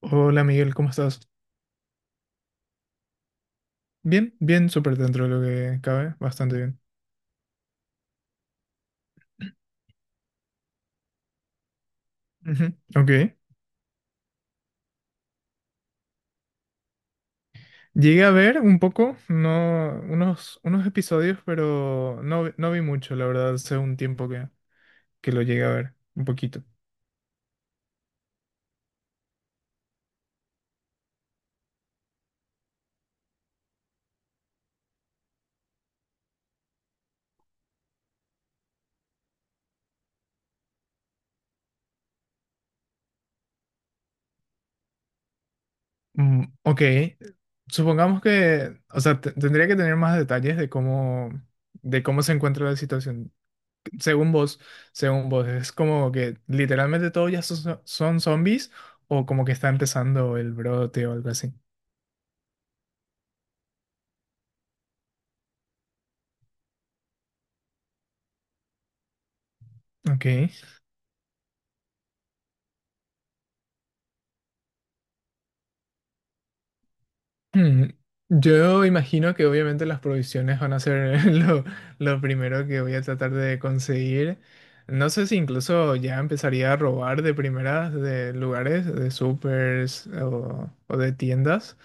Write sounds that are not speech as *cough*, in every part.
Hola Miguel, ¿cómo estás? Bien, bien, súper dentro de lo que cabe, bastante bien. Ujú, ok. Llegué a ver un poco, no, unos, episodios, pero no, no vi mucho, la verdad, hace un tiempo que lo llegué a ver, un poquito. Ok, supongamos que, o sea, tendría que tener más detalles de cómo, se encuentra la situación. Según vos, según vos, ¿es como que literalmente todos ya son zombies o como que está empezando el brote o algo así? Ok. Hmm. Yo imagino que obviamente las provisiones van a ser *laughs* lo primero que voy a tratar de conseguir. No sé si incluso ya empezaría a robar de primeras de lugares, de supers o de tiendas.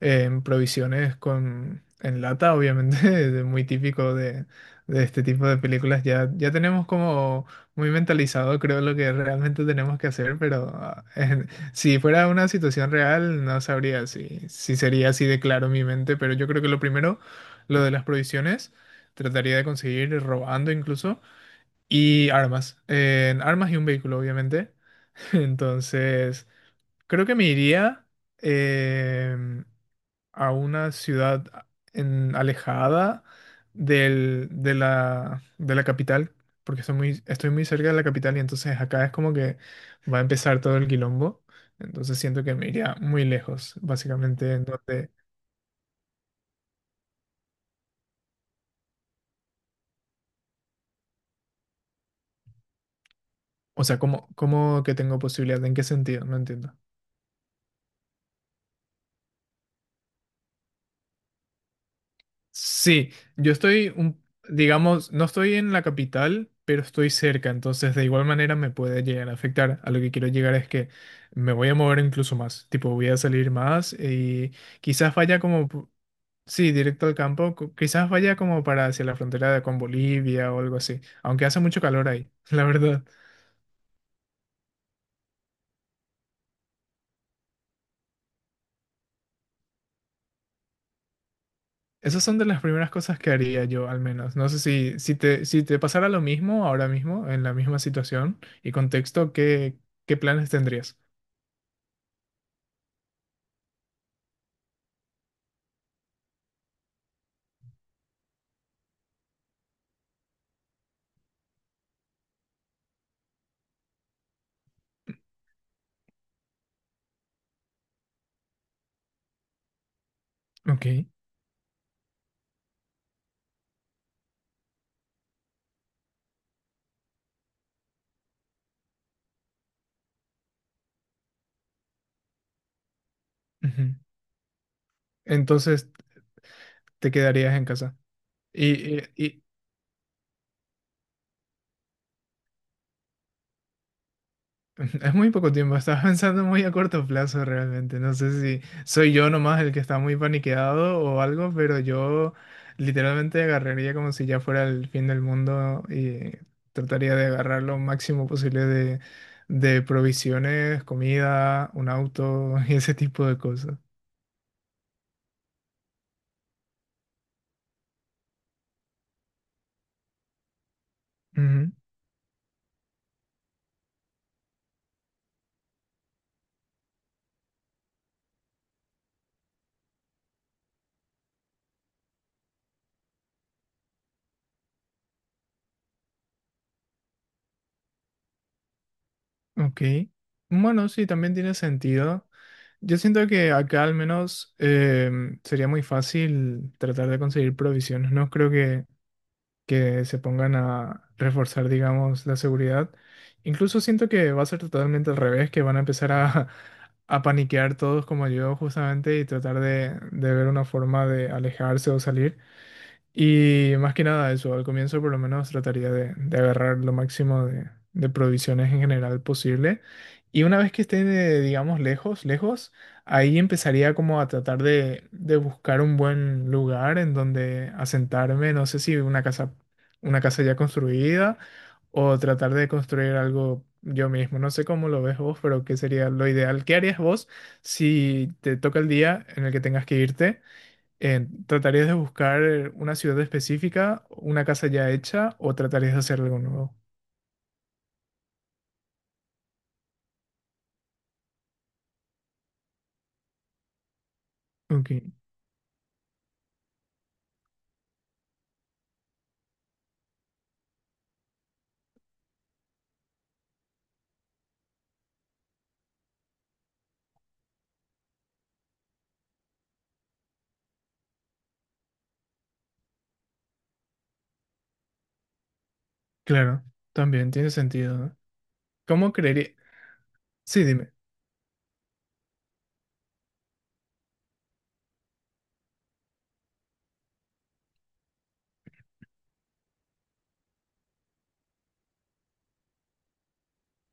En provisiones en lata, obviamente, *laughs* muy típico de, este tipo de películas. Ya tenemos como muy mentalizado, creo, lo que realmente tenemos que hacer, pero *laughs* si fuera una situación real, no sabría si sería así de claro mi mente, pero yo creo que lo primero, lo de las provisiones, trataría de conseguir robando incluso, y armas, en armas y un vehículo, obviamente. *laughs* Entonces, creo que me iría em, a una ciudad alejada de la capital, porque estoy muy, cerca de la capital y entonces acá es como que va a empezar todo el quilombo. Entonces siento que me iría muy lejos, básicamente, en donde, o sea, ¿cómo que tengo posibilidad? ¿En qué sentido? No entiendo. Sí, yo estoy, digamos, no estoy en la capital, pero estoy cerca, entonces de igual manera me puede llegar a afectar. A lo que quiero llegar es que me voy a mover incluso más, tipo voy a salir más y quizás vaya como, sí, directo al campo, quizás vaya como para hacia la frontera con Bolivia o algo así, aunque hace mucho calor ahí, *laughs* la verdad. Esas son de las primeras cosas que haría yo, al menos. No sé si, si te, pasara lo mismo ahora mismo, en la misma situación y contexto, ¿qué planes tendrías? Ok. Ujú. Entonces te quedarías en casa. Y, y *laughs* es muy poco tiempo, estás pensando muy a corto plazo realmente. No sé si soy yo nomás el que está muy paniqueado o algo, pero yo literalmente agarraría como si ya fuera el fin del mundo y trataría de agarrar lo máximo posible de, provisiones, comida, un auto *laughs* y ese tipo de cosas. Ok. Bueno, sí, también tiene sentido. Yo siento que acá al menos sería muy fácil tratar de conseguir provisiones. No creo que, se pongan a reforzar, digamos, la seguridad. Incluso siento que va a ser totalmente al revés, que van a empezar a, *laughs* a paniquear todos como yo justamente y tratar de, ver una forma de alejarse o salir. Y más que nada eso, al comienzo por lo menos trataría de, agarrar lo máximo de provisiones en general posible. Y una vez que esté, digamos, lejos, lejos, ahí empezaría como a tratar de, buscar un buen lugar en donde asentarme, no sé si una casa ya construida o tratar de construir algo yo mismo. No sé cómo lo ves vos, pero qué sería lo ideal. ¿Qué harías vos si te toca el día en el que tengas que irte? ¿Tratarías de buscar una ciudad específica, una casa ya hecha o tratarías de hacer algo nuevo? Ok, claro, también tiene sentido, ¿no? ¿Cómo creería? Sí, dime.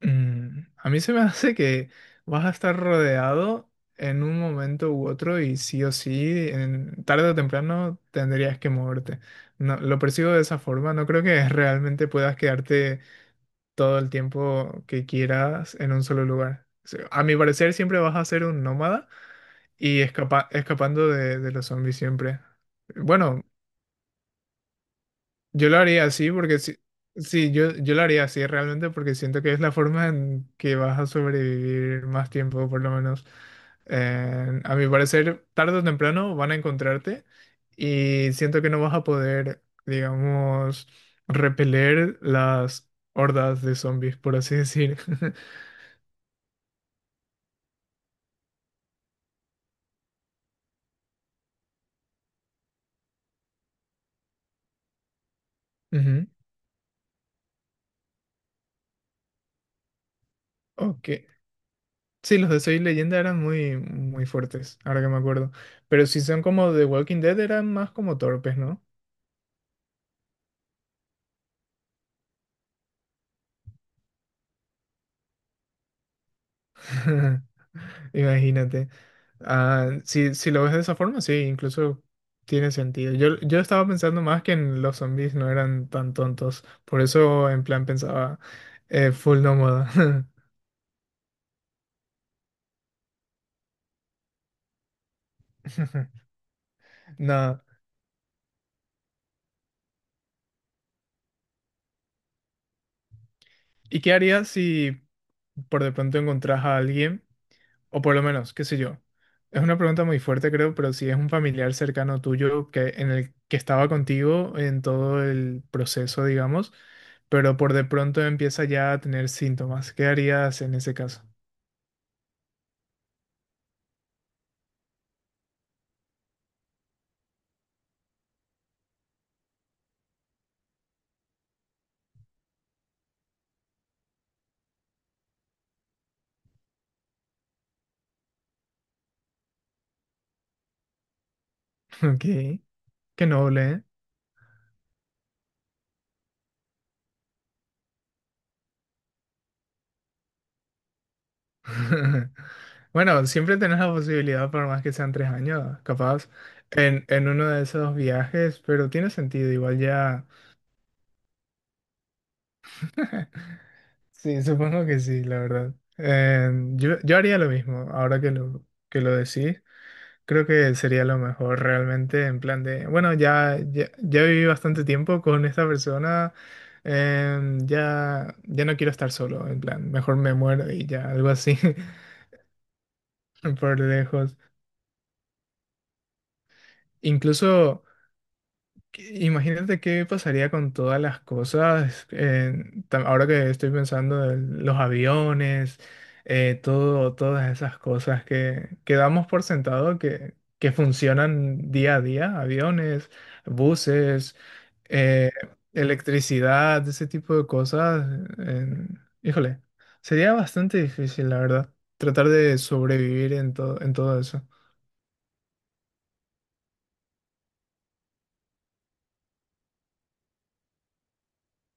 A mí se me *laughs* hace que vas a estar rodeado en un momento u otro y sí o sí, tarde o temprano tendrías que moverte. No, lo percibo de esa forma, no creo que realmente puedas quedarte todo el tiempo que quieras en un solo lugar. O sea, a mi parecer siempre vas a ser un nómada. Y escapando de, los zombies siempre. Bueno, yo lo haría así porque si, sí, yo lo haría así realmente porque siento que es la forma en que vas a sobrevivir más tiempo, por lo menos. A mi parecer, tarde o temprano van a encontrarte y siento que no vas a poder, digamos, repeler las hordas de zombies, por así decir. *laughs* Ujú. Ok. Sí, los de Soy Leyenda eran muy, muy fuertes, ahora que me acuerdo. Pero si son como The Walking Dead, eran más como torpes, ¿no? *laughs* Imagínate. Ah, si, lo ves de esa forma, sí, incluso tiene sentido. yo estaba pensando más que en los zombies no eran tan tontos. Por eso, en plan, pensaba full nómada. *laughs* Nada. ¿Y qué harías si por de pronto encontrás a alguien? O por lo menos, qué sé yo. Es una pregunta muy fuerte, creo, pero si es un familiar cercano tuyo que, en el que estaba contigo en todo el proceso, digamos, pero por de pronto empieza ya a tener síntomas, ¿qué harías en ese caso? *laughs* Ok, qué noble, ¿eh? *laughs* Bueno, siempre tenés la posibilidad, por más que sean 3 años, capaz, en, uno de esos viajes, pero tiene sentido, igual ya. *laughs* Sí, supongo que sí, la verdad. Yo, haría lo mismo, ahora que lo decís. Creo que sería lo mejor realmente, en plan de, bueno, ya, viví bastante tiempo con esta persona, ya no quiero estar solo, en plan, mejor me muero y ya, algo así, *laughs* por lejos. Incluso. Imagínate qué pasaría con todas las cosas, ahora que estoy pensando en los aviones, todas esas cosas que, damos por sentado que funcionan día a día, aviones, buses, eh, electricidad, ese tipo de cosas. eh, híjole, sería bastante difícil, la verdad, tratar de sobrevivir en todo, eso.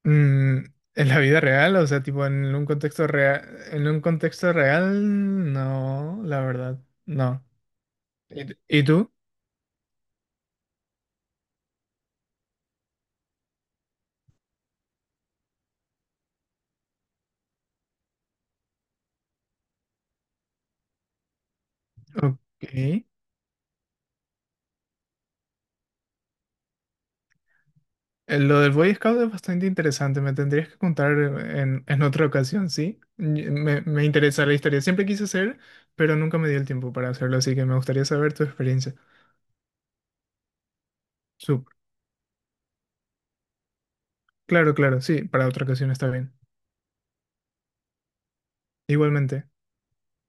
Mm, en la vida real, o sea, tipo en un contexto real, no, la verdad, no. ¿Y tú? Ok. Eh, Lo del Boy Scout es bastante interesante, me tendrías que contar en otra ocasión, ¿sí? Y me interesa la historia, siempre quise hacer, pero nunca me dio el tiempo para hacerlo, así que me gustaría saber tu experiencia. Sup- Claro, claro, sí, para otra ocasión está bien. Igualmente.